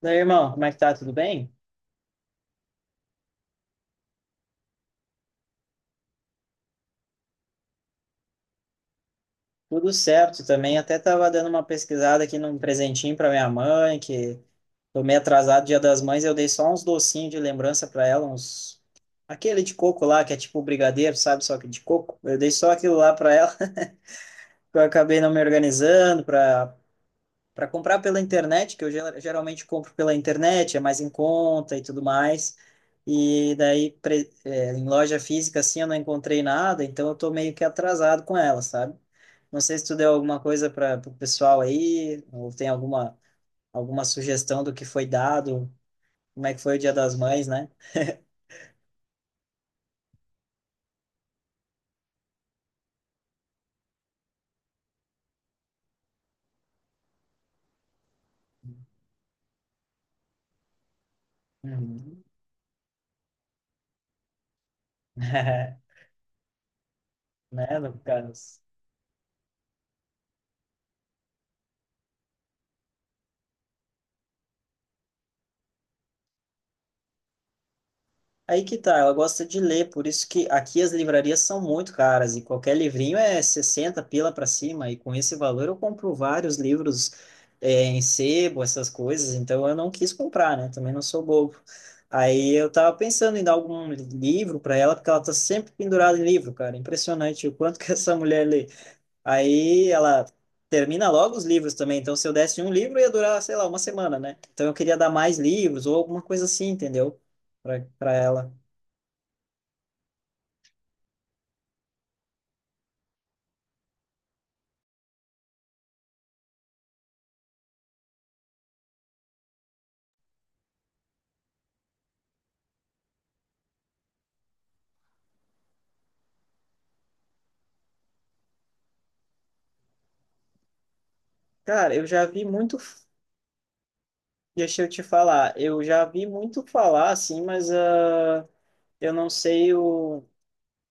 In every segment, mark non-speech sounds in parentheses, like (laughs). Daí, irmão, como é que tá? Tudo bem? Tudo certo também. Até tava dando uma pesquisada aqui num presentinho para minha mãe, que tô meio atrasado Dia das Mães. Eu dei só uns docinhos de lembrança para ela, uns aquele de coco lá, que é tipo brigadeiro, sabe? Só que de coco. Eu dei só aquilo lá para ela, (laughs) que eu acabei não me organizando para comprar pela internet, que eu geralmente compro pela internet, é mais em conta e tudo mais. E daí em loja física assim eu não encontrei nada, então eu tô meio que atrasado com ela, sabe? Não sei se tu deu alguma coisa para o pessoal aí, ou tem alguma sugestão do que foi dado, como é que foi o Dia das Mães, né? Uhum. (laughs) Né, Lucas? Aí que tá, ela gosta de ler, por isso que aqui as livrarias são muito caras e qualquer livrinho é 60 pila para cima, e com esse valor eu compro vários livros é, em sebo, essas coisas, então eu não quis comprar, né? Também não sou bobo. Aí eu tava pensando em dar algum livro para ela, porque ela tá sempre pendurada em livro, cara. Impressionante o quanto que (laughs) essa mulher lê. Aí ela termina logo os livros também, então se eu desse um livro ia durar, sei lá, uma semana, né? Então eu queria dar mais livros ou alguma coisa assim, entendeu? Para ela. Cara, eu já vi muito, deixa eu te falar, eu já vi muito falar assim, mas eu não sei o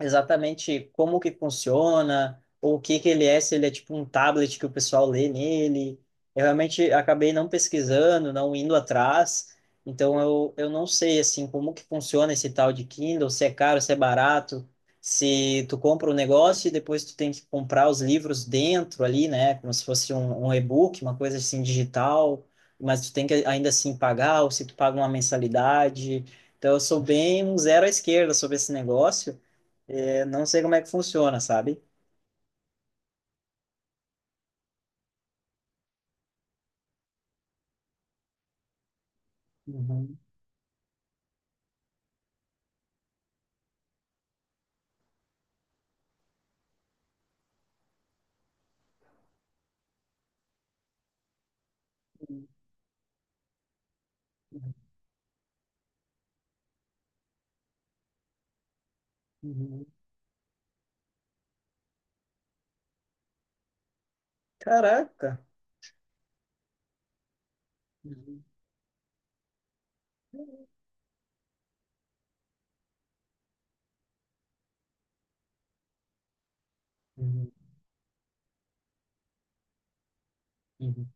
exatamente como que funciona, ou o que que ele é, se ele é tipo um tablet que o pessoal lê nele. Eu realmente acabei não pesquisando, não indo atrás, então eu não sei assim como que funciona esse tal de Kindle, se é caro, se é barato, se tu compra o um negócio e depois tu tem que comprar os livros dentro ali, né, como se fosse um, um e-book, uma coisa assim digital, mas tu tem que ainda assim pagar, ou se tu paga uma mensalidade. Então eu sou bem um zero à esquerda sobre esse negócio. É, não sei como é que funciona, sabe? Uhum, uhum, uhum. Caraca. Uhum, uhum, uhum,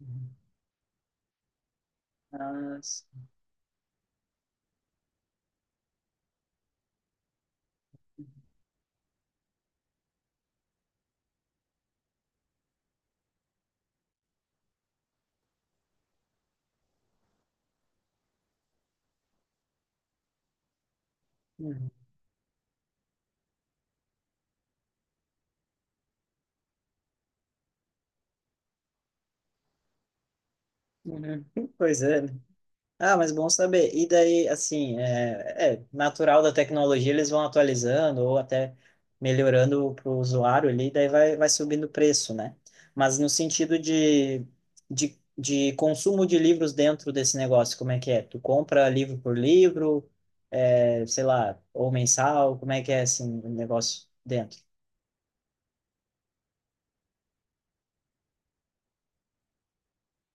uhum. Mas. Uhum, uhum. (laughs) Pois é, né? Ah, mas bom saber. E daí, assim, é natural da tecnologia, eles vão atualizando ou até melhorando para o usuário ali, daí vai, vai subindo o preço, né? Mas no sentido de, consumo de livros dentro desse negócio, como é que é? Tu compra livro por livro, é, sei lá, ou mensal, como é que é, assim, o negócio dentro?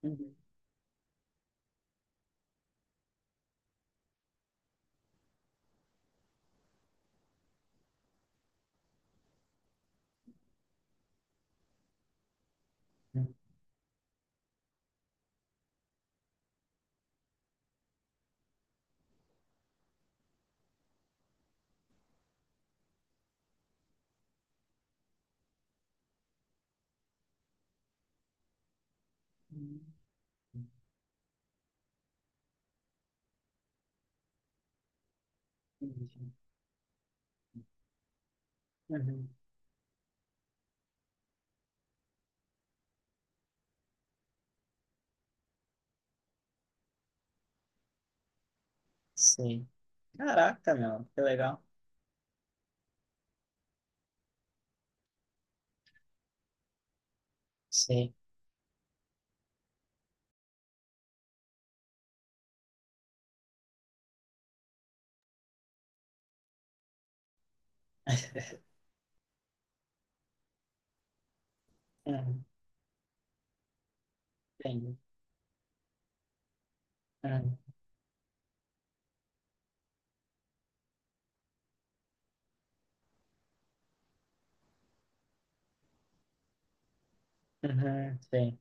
Uhum. Uhum. Sim. Caraca, meu, que legal. Sim. (laughs) Uhum. Sim. Uhum. Uhum, sim.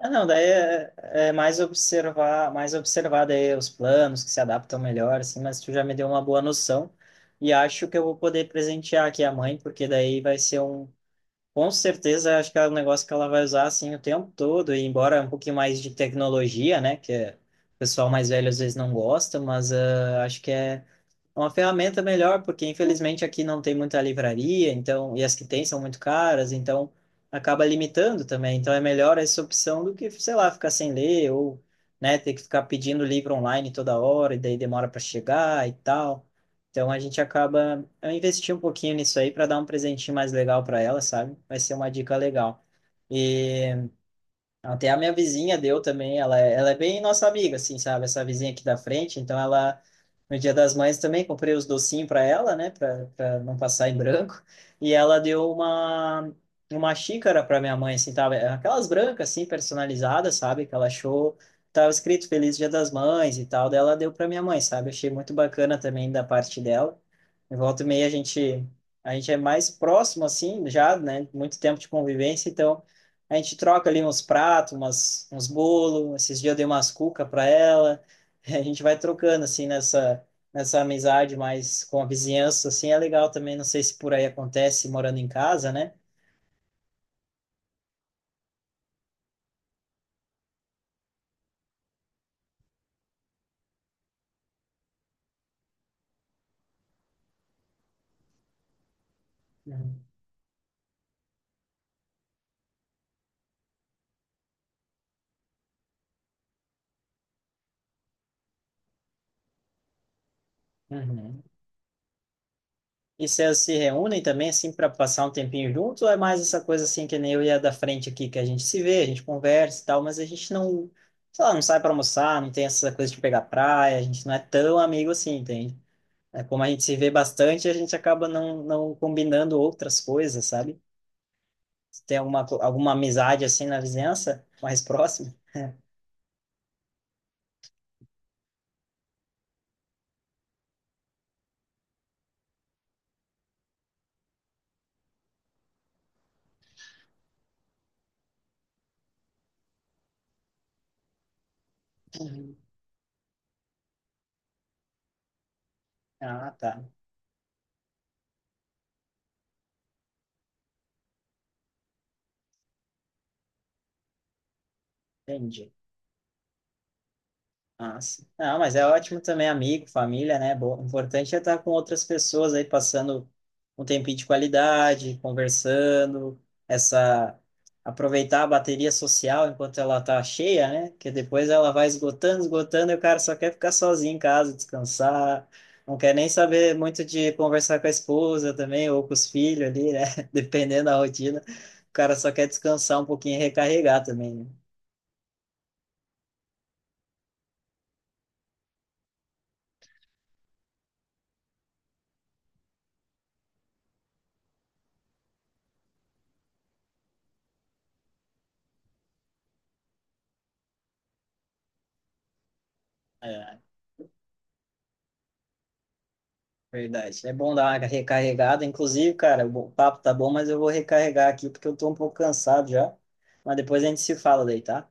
Ah, não, daí é, é mais observar daí os planos que se adaptam melhor, assim, mas tu já me deu uma boa noção e acho que eu vou poder presentear aqui a mãe, porque daí vai ser um, com certeza, acho que é um negócio que ela vai usar, assim, o tempo todo, e embora um pouquinho mais de tecnologia, né, o pessoal mais velho às vezes não gosta, mas ah, acho que é. É uma ferramenta melhor, porque infelizmente aqui não tem muita livraria, então, e as que tem são muito caras, então acaba limitando também. Então é melhor essa opção do que, sei lá, ficar sem ler ou, né, ter que ficar pedindo livro online toda hora e daí demora para chegar e tal. Então a gente acaba, eu investi um pouquinho nisso aí para dar um presentinho mais legal para ela, sabe? Vai ser uma dica legal. E até a minha vizinha deu também, ela é bem nossa amiga, assim, sabe? Essa vizinha aqui da frente, então ela, no Dia das Mães também, comprei os docinhos para ela, né, para não passar em branco, e ela deu uma xícara para minha mãe, assim, tava, aquelas brancas, assim, personalizadas, sabe? Que ela achou, tava escrito Feliz Dia das Mães e tal, daí ela deu para minha mãe, sabe? Achei muito bacana também da parte dela. Em volta e meia a gente é mais próximo, assim, já, né, muito tempo de convivência, então a gente troca ali uns pratos, umas, uns bolos. Esses dias eu dei umas cuca para ela. (laughs) A gente vai trocando, assim, nessa amizade mais com a vizinhança, assim, é legal também. Não sei se por aí acontece morando em casa, né? Uhum. Uhum. E vocês se reúnem também, assim, para passar um tempinho junto? Ou é mais essa coisa, assim, que nem eu e a da frente aqui, que a gente se vê, a gente conversa e tal, mas a gente não, sei lá, não sai para almoçar, não tem essa coisa de pegar praia, a gente não é tão amigo assim, entende? É, como a gente se vê bastante, a gente acaba não combinando outras coisas, sabe? Se tem alguma, alguma amizade assim na vizinhança, mais próxima? Uhum. Ah, tá. Entendi. Ah, sim. Ah, mas é ótimo também, amigo, família, né? O importante é estar com outras pessoas aí, passando um tempinho de qualidade, conversando, essa. Aproveitar a bateria social enquanto ela tá cheia, né? Porque depois ela vai esgotando, esgotando, e o cara só quer ficar sozinho em casa, descansar, não quer nem saber muito de conversar com a esposa também, ou com os filhos ali, né? (laughs) Dependendo da rotina, o cara só quer descansar um pouquinho e recarregar também, né? Verdade. É bom dar uma recarregada. Inclusive, cara, o papo tá bom, mas eu vou recarregar aqui porque eu tô um pouco cansado já. Mas depois a gente se fala daí, tá?